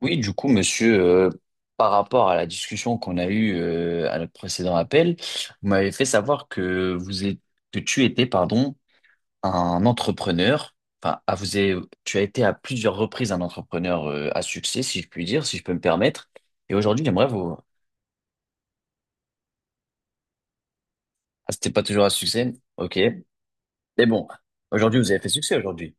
Oui, du coup, monsieur, par rapport à la discussion qu'on a eue à notre précédent appel, vous m'avez fait savoir que vous êtes, que tu étais, pardon, un entrepreneur. Enfin, tu as été à plusieurs reprises un entrepreneur à succès, si je puis dire, si je peux me permettre. Et aujourd'hui, j'aimerais vous. Ah, c'était pas toujours à succès, ok. Mais bon, aujourd'hui, vous avez fait succès aujourd'hui.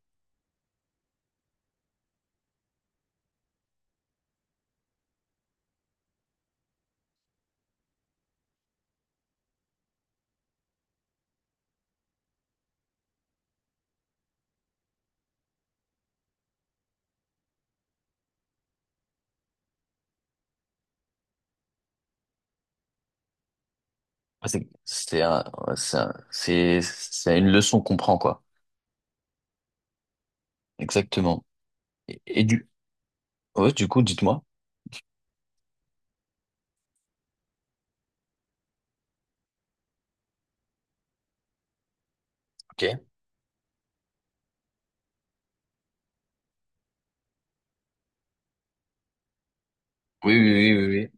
Ah, c'est un- ouais, c'est un- c'est une leçon qu'on prend, quoi. Exactement. Et ouais, du coup, dites-moi. Ok. Oui, oui, oui, oui,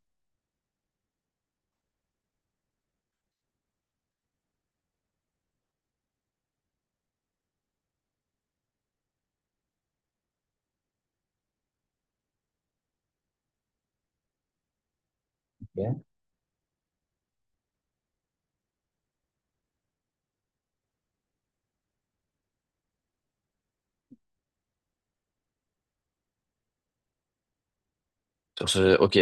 oui. Ok. Sur ce, ok,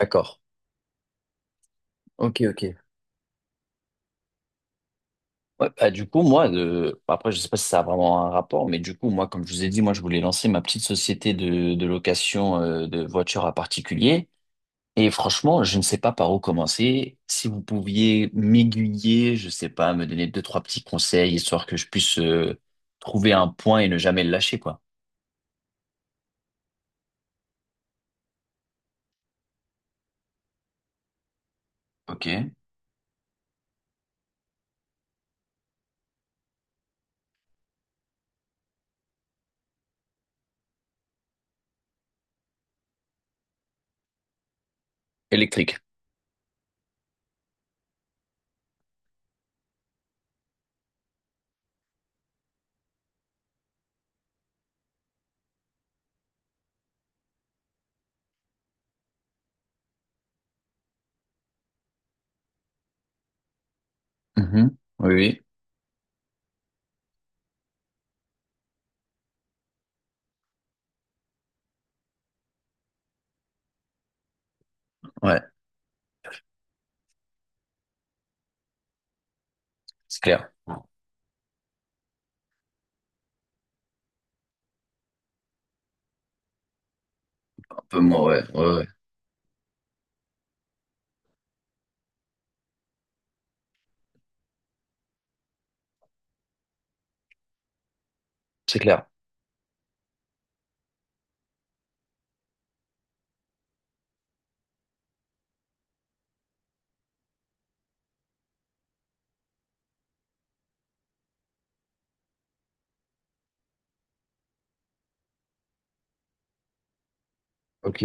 d'accord. Ok, ok. Ouais, bah, du coup, moi, bah, après, je sais pas si ça a vraiment un rapport, mais du coup, moi, comme je vous ai dit, moi, je voulais lancer ma petite société de location de voitures à particulier. Et franchement, je ne sais pas par où commencer. Si vous pouviez m'aiguiller, je sais pas, me donner deux, trois petits conseils, histoire que je puisse trouver un point et ne jamais le lâcher, quoi. Ok. Électrique. Mhm. Oui, oui. Ouais, c'est clair. Un peu moins, ouais, ouais, ouais. C'est clair. Ok.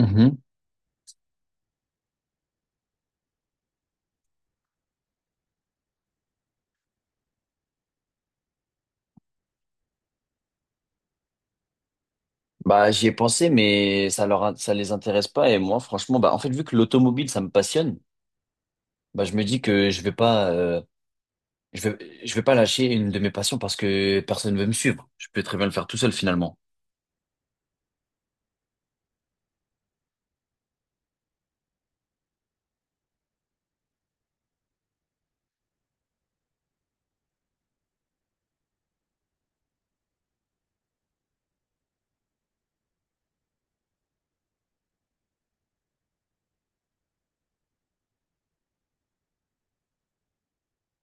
Mhm. Bah, j'y ai pensé, mais ça les intéresse pas. Et moi, franchement, bah, en fait, vu que l'automobile, ça me passionne, bah, je me dis que je vais pas, je vais pas lâcher une de mes passions parce que personne veut me suivre. Je peux très bien le faire tout seul, finalement.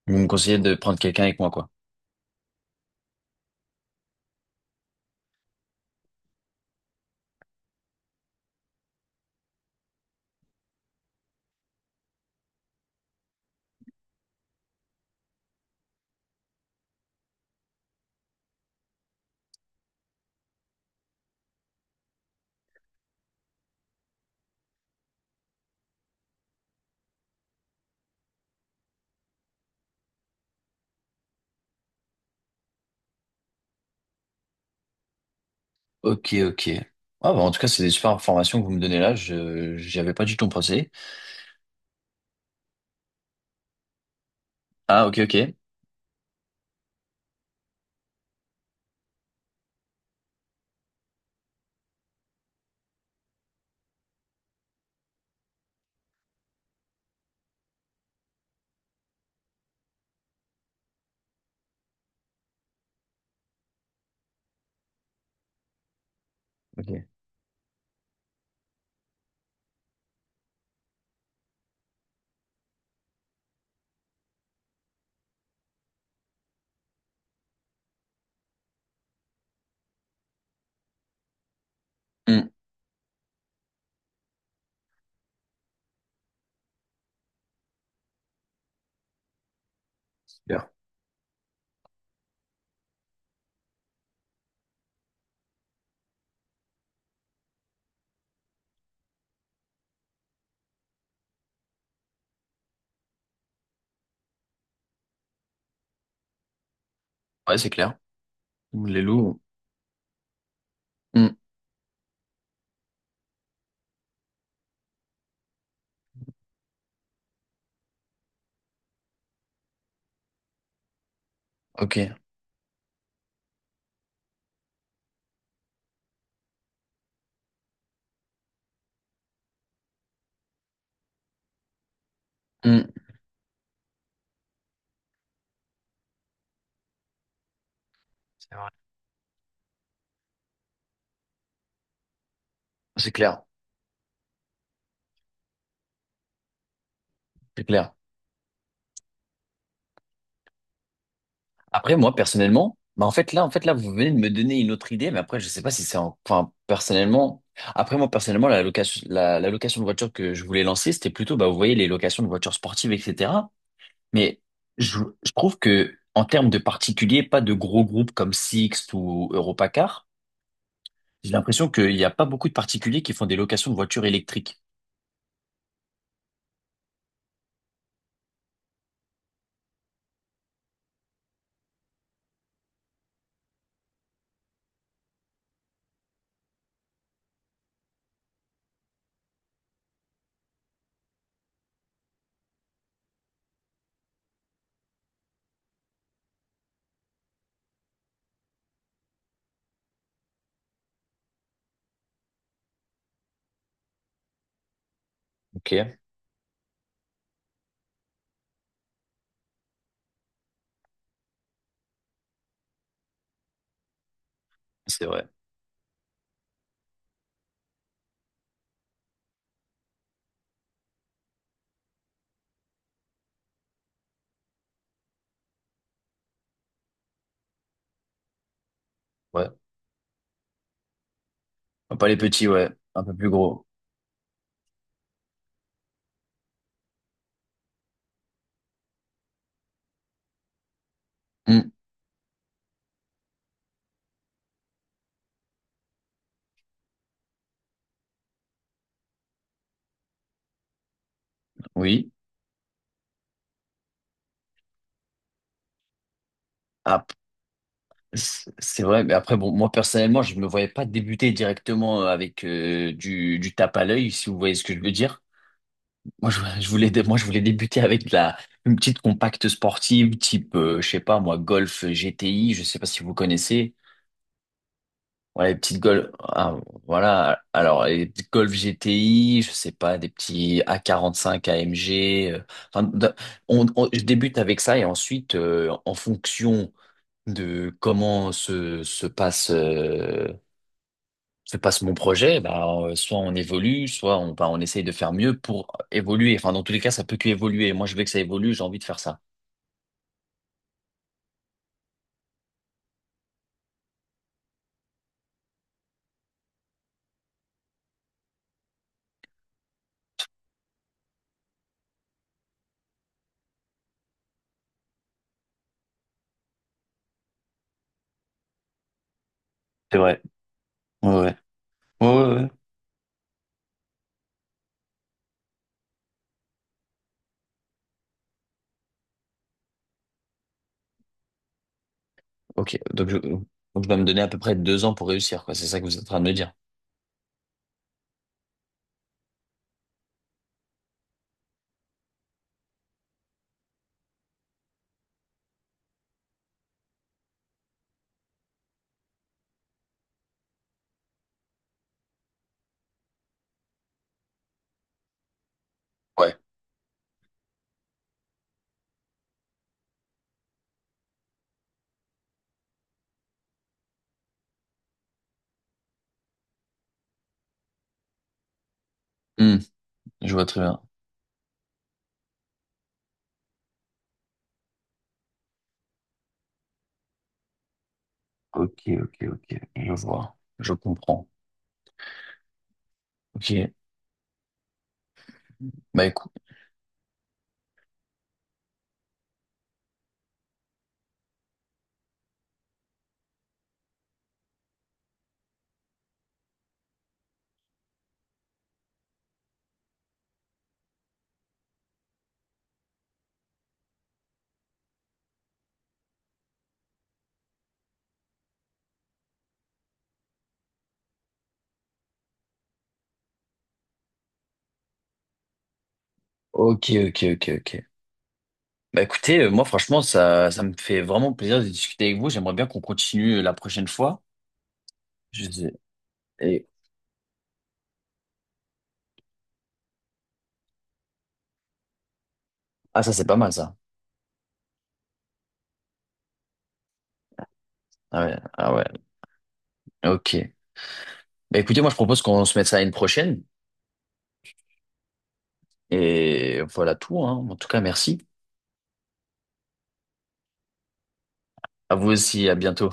Vous me conseillez de prendre quelqu'un avec moi, quoi. Ok, ok. Ah, bah, en tout cas, c'est des super informations que vous me donnez là. J'y avais pas du tout pensé. Ah, ok, ok. Ok. Hmm. Super. Ouais, c'est clair. Les loups. Hmm, ok. Hmm. C'est vrai. C'est clair. C'est clair. Après, moi, personnellement, bah, en fait, là, vous venez de me donner une autre idée, mais après, je sais pas si enfin, personnellement, après, moi, personnellement, la location de voiture que je voulais lancer, c'était plutôt, bah, vous voyez, les locations de voitures sportives, etc. Mais je trouve que, en termes de particuliers, pas de gros groupes comme Sixt ou Europacar, j'ai l'impression qu'il n'y a pas beaucoup de particuliers qui font des locations de voitures électriques. Ok, c'est vrai. Ouais. Pas les petits, ouais. Un peu plus gros. Hmm, oui. C'est vrai, mais après, bon, moi personnellement, je ne me voyais pas débuter directement avec du tape à l'œil, si vous voyez ce que je veux dire. Moi, je voulais, moi, je voulais débuter avec une petite compacte sportive, type, je sais pas, moi, Golf GTI, je sais pas si vous connaissez. Voilà, les petites Golf, ah, voilà, alors, les petites Golf GTI, je sais pas, des petits A45 quarante AMG. Enfin, je débute avec ça et ensuite, en fonction de comment se passe mon projet, bah, soit on évolue, soit on, bah, on essaye de faire mieux pour évoluer. Enfin, dans tous les cas, ça peut qu'évoluer. Moi, je veux que ça évolue, j'ai envie de faire ça. C'est vrai. Ouais, ouais. Ouais, ouais, ouais. Ok, donc je dois me donner à peu près 2 ans pour réussir, quoi. C'est ça que vous êtes en train de me dire. Ouais. Hmm, je vois très bien. Ok, ok, ok. Je vois. Je comprends. Ok. Bah écoute. Ok, ok, ok, ok. Bah écoutez, moi franchement, ça me fait vraiment plaisir de discuter avec vous. J'aimerais bien qu'on continue la prochaine fois. Je sais- Et... Ah ça c'est pas mal ça. Ah ouais, ah ouais, ok. Bah, écoutez, moi je propose qu'on se mette ça à une prochaine. Et voilà tout, hein. En tout cas, merci. À vous aussi, à bientôt.